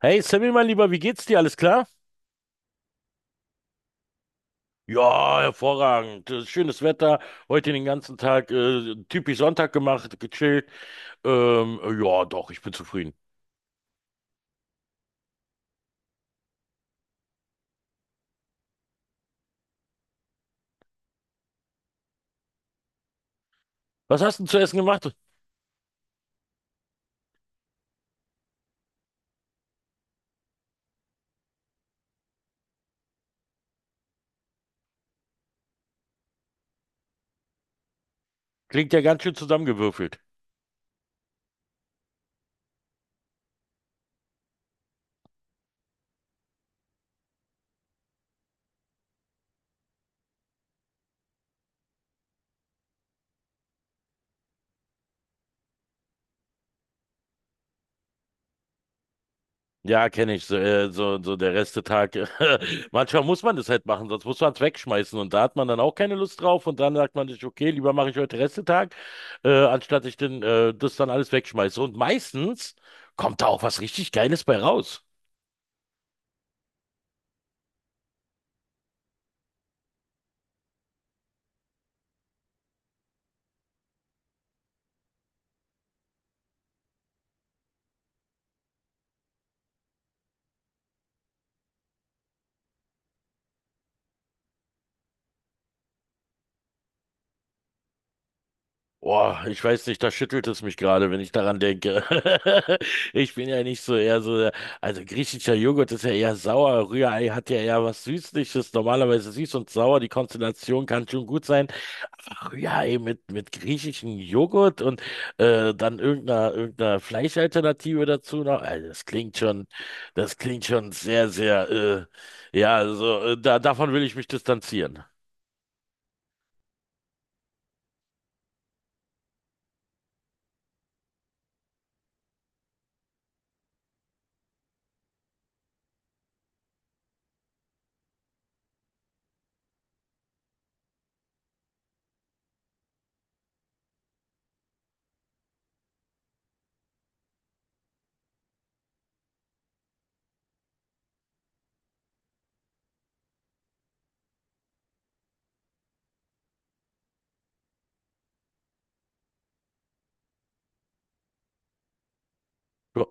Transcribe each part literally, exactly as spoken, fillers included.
Hey Sammy, mein Lieber, wie geht's dir? Alles klar? Ja, hervorragend. Äh, Schönes Wetter. Heute den ganzen Tag äh, typisch Sonntag gemacht, gechillt. Ähm, ja, doch, ich bin zufrieden. Was hast du denn zu essen gemacht? Klingt ja ganz schön zusammengewürfelt. Ja, kenne ich. So, äh, so, so der Restetag. Manchmal muss man das halt machen, sonst muss man es wegschmeißen. Und da hat man dann auch keine Lust drauf. Und dann sagt man sich, okay, lieber mache ich heute Restetag, äh, anstatt ich denn, äh, das dann alles wegschmeiße. Und meistens kommt da auch was richtig Geiles bei raus. Boah, ich weiß nicht, da schüttelt es mich gerade, wenn ich daran denke. Ich bin ja nicht so eher so, der- also griechischer Joghurt ist ja eher sauer, Rührei hat ja eher was Süßliches, normalerweise süß und sauer, die Konstellation kann schon gut sein, ja, ey, mit, mit griechischem Joghurt und äh, dann irgendeiner, irgendeiner Fleischalternative dazu noch. Also das klingt schon, das klingt schon sehr, sehr, äh, ja, also äh, da, davon will ich mich distanzieren. Du,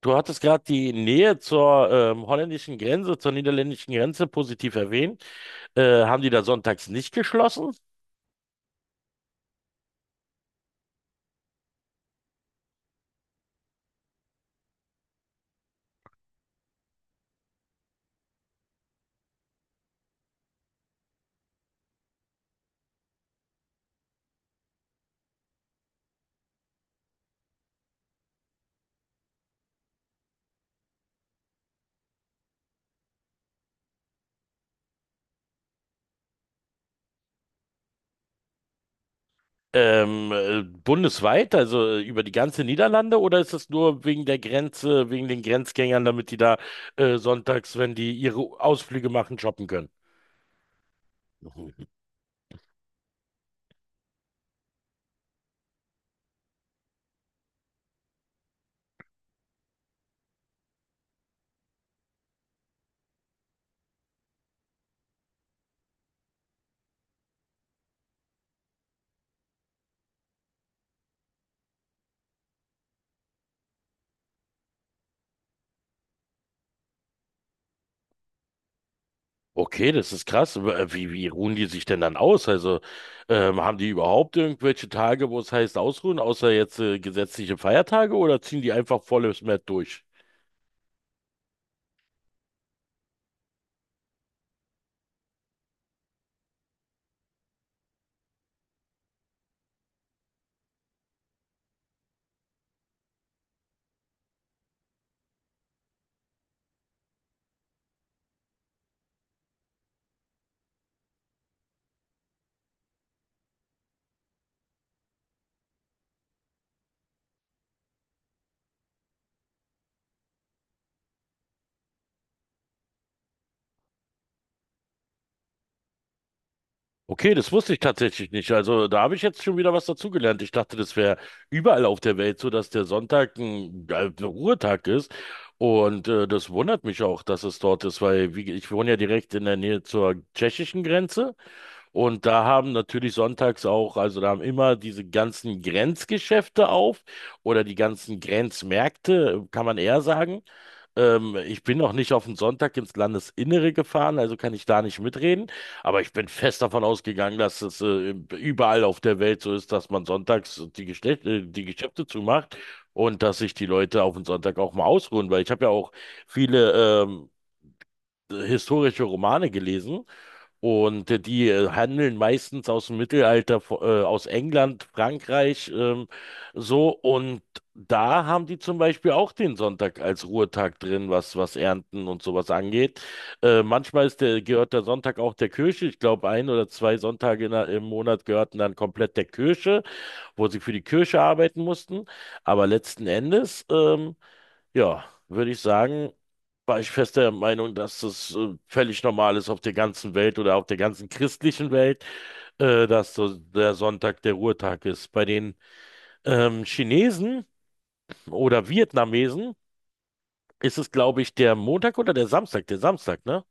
du hattest gerade die Nähe zur ähm, holländischen Grenze, zur niederländischen Grenze positiv erwähnt. Äh, haben die da sonntags nicht geschlossen? Ähm, äh, bundesweit, also äh, über die ganze Niederlande, oder ist es nur wegen der Grenze, wegen den Grenzgängern, damit die da äh, sonntags, wenn die ihre Ausflüge machen, shoppen können? Mhm. Okay, das ist krass. Aber, äh, Wie, wie ruhen die sich denn dann aus? Also ähm, haben die überhaupt irgendwelche Tage, wo es heißt ausruhen, außer jetzt äh, gesetzliche Feiertage, oder ziehen die einfach volles Mett durch? Okay, das wusste ich tatsächlich nicht. Also da habe ich jetzt schon wieder was dazugelernt. Ich dachte, das wäre überall auf der Welt so, dass der Sonntag ein äh, ein Ruhetag ist. Und äh, das wundert mich auch, dass es dort ist, weil wie, ich wohne ja direkt in der Nähe zur tschechischen Grenze. Und da haben natürlich sonntags auch, also da haben immer diese ganzen Grenzgeschäfte auf oder die ganzen Grenzmärkte, kann man eher sagen. Ähm, ich bin noch nicht auf den Sonntag ins Landesinnere gefahren, also kann ich da nicht mitreden. Aber ich bin fest davon ausgegangen, dass es äh, überall auf der Welt so ist, dass man sonntags die Geschäfte, äh, die Geschäfte zumacht und dass sich die Leute auf den Sonntag auch mal ausruhen. Weil ich habe ja auch viele ähm, historische Romane gelesen und äh, die äh, handeln meistens aus dem Mittelalter, vo- äh, aus England, Frankreich, ähm, so. Und da haben die zum Beispiel auch den Sonntag als Ruhetag drin, was, was Ernten und sowas angeht. Äh, manchmal ist der, gehört der Sonntag auch der Kirche. Ich glaube, ein oder zwei Sonntage in, der- im Monat gehörten dann komplett der Kirche, wo sie für die Kirche arbeiten mussten. Aber letzten Endes. Ähm, ja, würde ich sagen, war ich fest der Meinung, dass es äh, völlig normal ist auf der ganzen Welt oder auf der ganzen christlichen Welt, äh, dass so der Sonntag der Ruhetag ist. Bei den ähm, Chinesen oder Vietnamesen ist es, glaube ich, der Montag oder der Samstag, der Samstag, ne?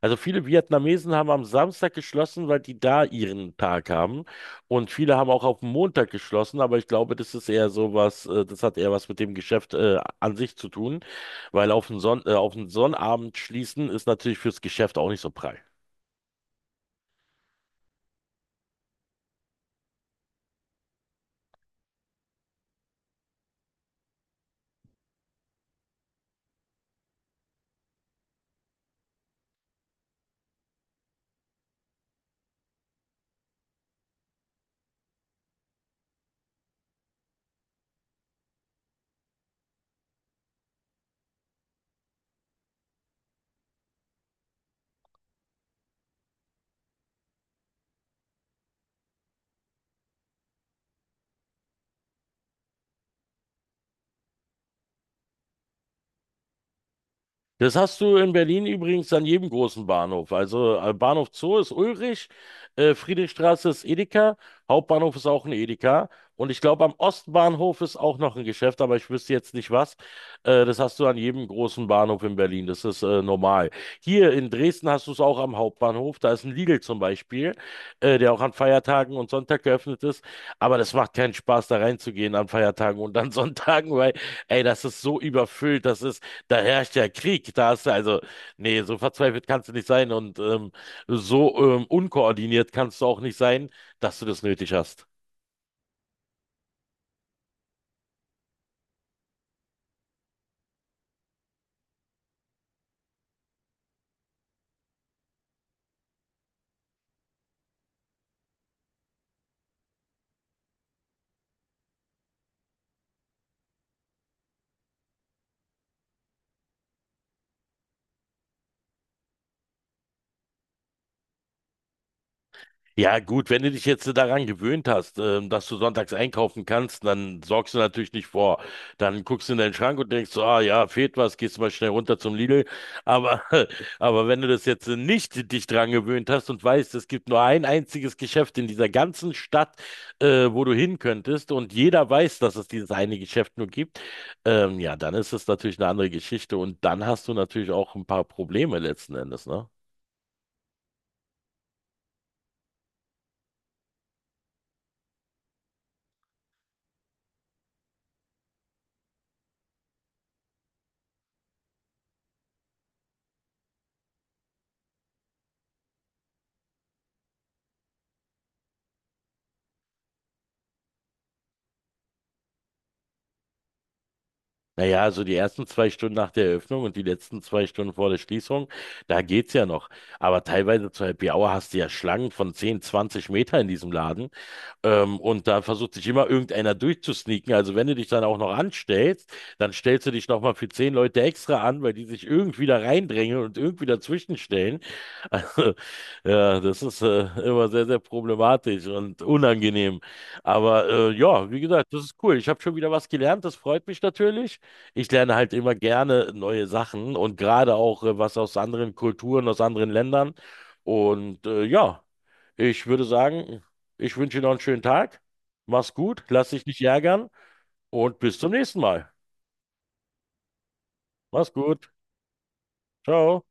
Also viele Vietnamesen haben am Samstag geschlossen, weil die da ihren Tag haben. Und viele haben auch auf den Montag geschlossen, aber ich glaube, das ist eher so was, äh, das hat eher was mit dem Geschäft äh, an sich zu tun, weil auf den Sonn äh, auf den Sonnabend schließen ist natürlich fürs Geschäft auch nicht so prall. Das hast du in Berlin übrigens an jedem großen Bahnhof. Also äh, Bahnhof Zoo ist Ulrich, äh, Friedrichstraße ist Edeka, Hauptbahnhof ist auch ein Edeka. Und ich glaube, am Ostbahnhof ist auch noch ein Geschäft, aber ich wüsste jetzt nicht was. Äh, das hast du an jedem großen Bahnhof in Berlin. Das ist äh, normal. Hier in Dresden hast du es auch am Hauptbahnhof. Da ist ein Lidl zum Beispiel, äh, der auch an Feiertagen und Sonntag geöffnet ist. Aber das macht keinen Spaß, da reinzugehen an Feiertagen und an Sonntagen, weil, ey, das ist so überfüllt. Das ist da herrscht ja Krieg. Da hast du also, nee, so verzweifelt kannst du nicht sein und ähm, so ähm, unkoordiniert kannst du auch nicht sein, dass du das nötig hast. Ja, gut, wenn du dich jetzt daran gewöhnt hast, ähm, dass du sonntags einkaufen kannst, dann sorgst du natürlich nicht vor. Dann guckst du in deinen Schrank und denkst so, ah ja, fehlt was, gehst mal schnell runter zum Lidl. Aber, aber wenn du das jetzt nicht dich daran gewöhnt hast und weißt, es gibt nur ein einziges Geschäft in dieser ganzen Stadt, äh, wo du hin könntest und jeder weiß, dass es dieses eine Geschäft nur gibt, ähm, ja, dann ist es natürlich eine andere Geschichte und dann hast du natürlich auch ein paar Probleme letzten Endes, ne? Naja, also die ersten zwei Stunden nach der Eröffnung und die letzten zwei Stunden vor der Schließung, da geht's ja noch. Aber teilweise zur Happy Hour hast du ja Schlangen von zehn, zwanzig Meter in diesem Laden. Ähm, und da versucht sich immer irgendeiner durchzusneaken. Also wenn du dich dann auch noch anstellst, dann stellst du dich nochmal für zehn Leute extra an, weil die sich irgendwie da reindrängen und irgendwie dazwischenstellen. Also, ja, das ist äh, immer sehr, sehr problematisch und unangenehm. Aber äh, ja, wie gesagt, das ist cool. Ich habe schon wieder was gelernt, das freut mich natürlich. Ich lerne halt immer gerne neue Sachen und gerade auch äh, was aus anderen Kulturen, aus anderen Ländern. Und äh, ja, ich würde sagen, ich wünsche dir noch einen schönen Tag. Mach's gut, lass dich nicht ärgern und bis zum nächsten Mal. Mach's gut. Ciao.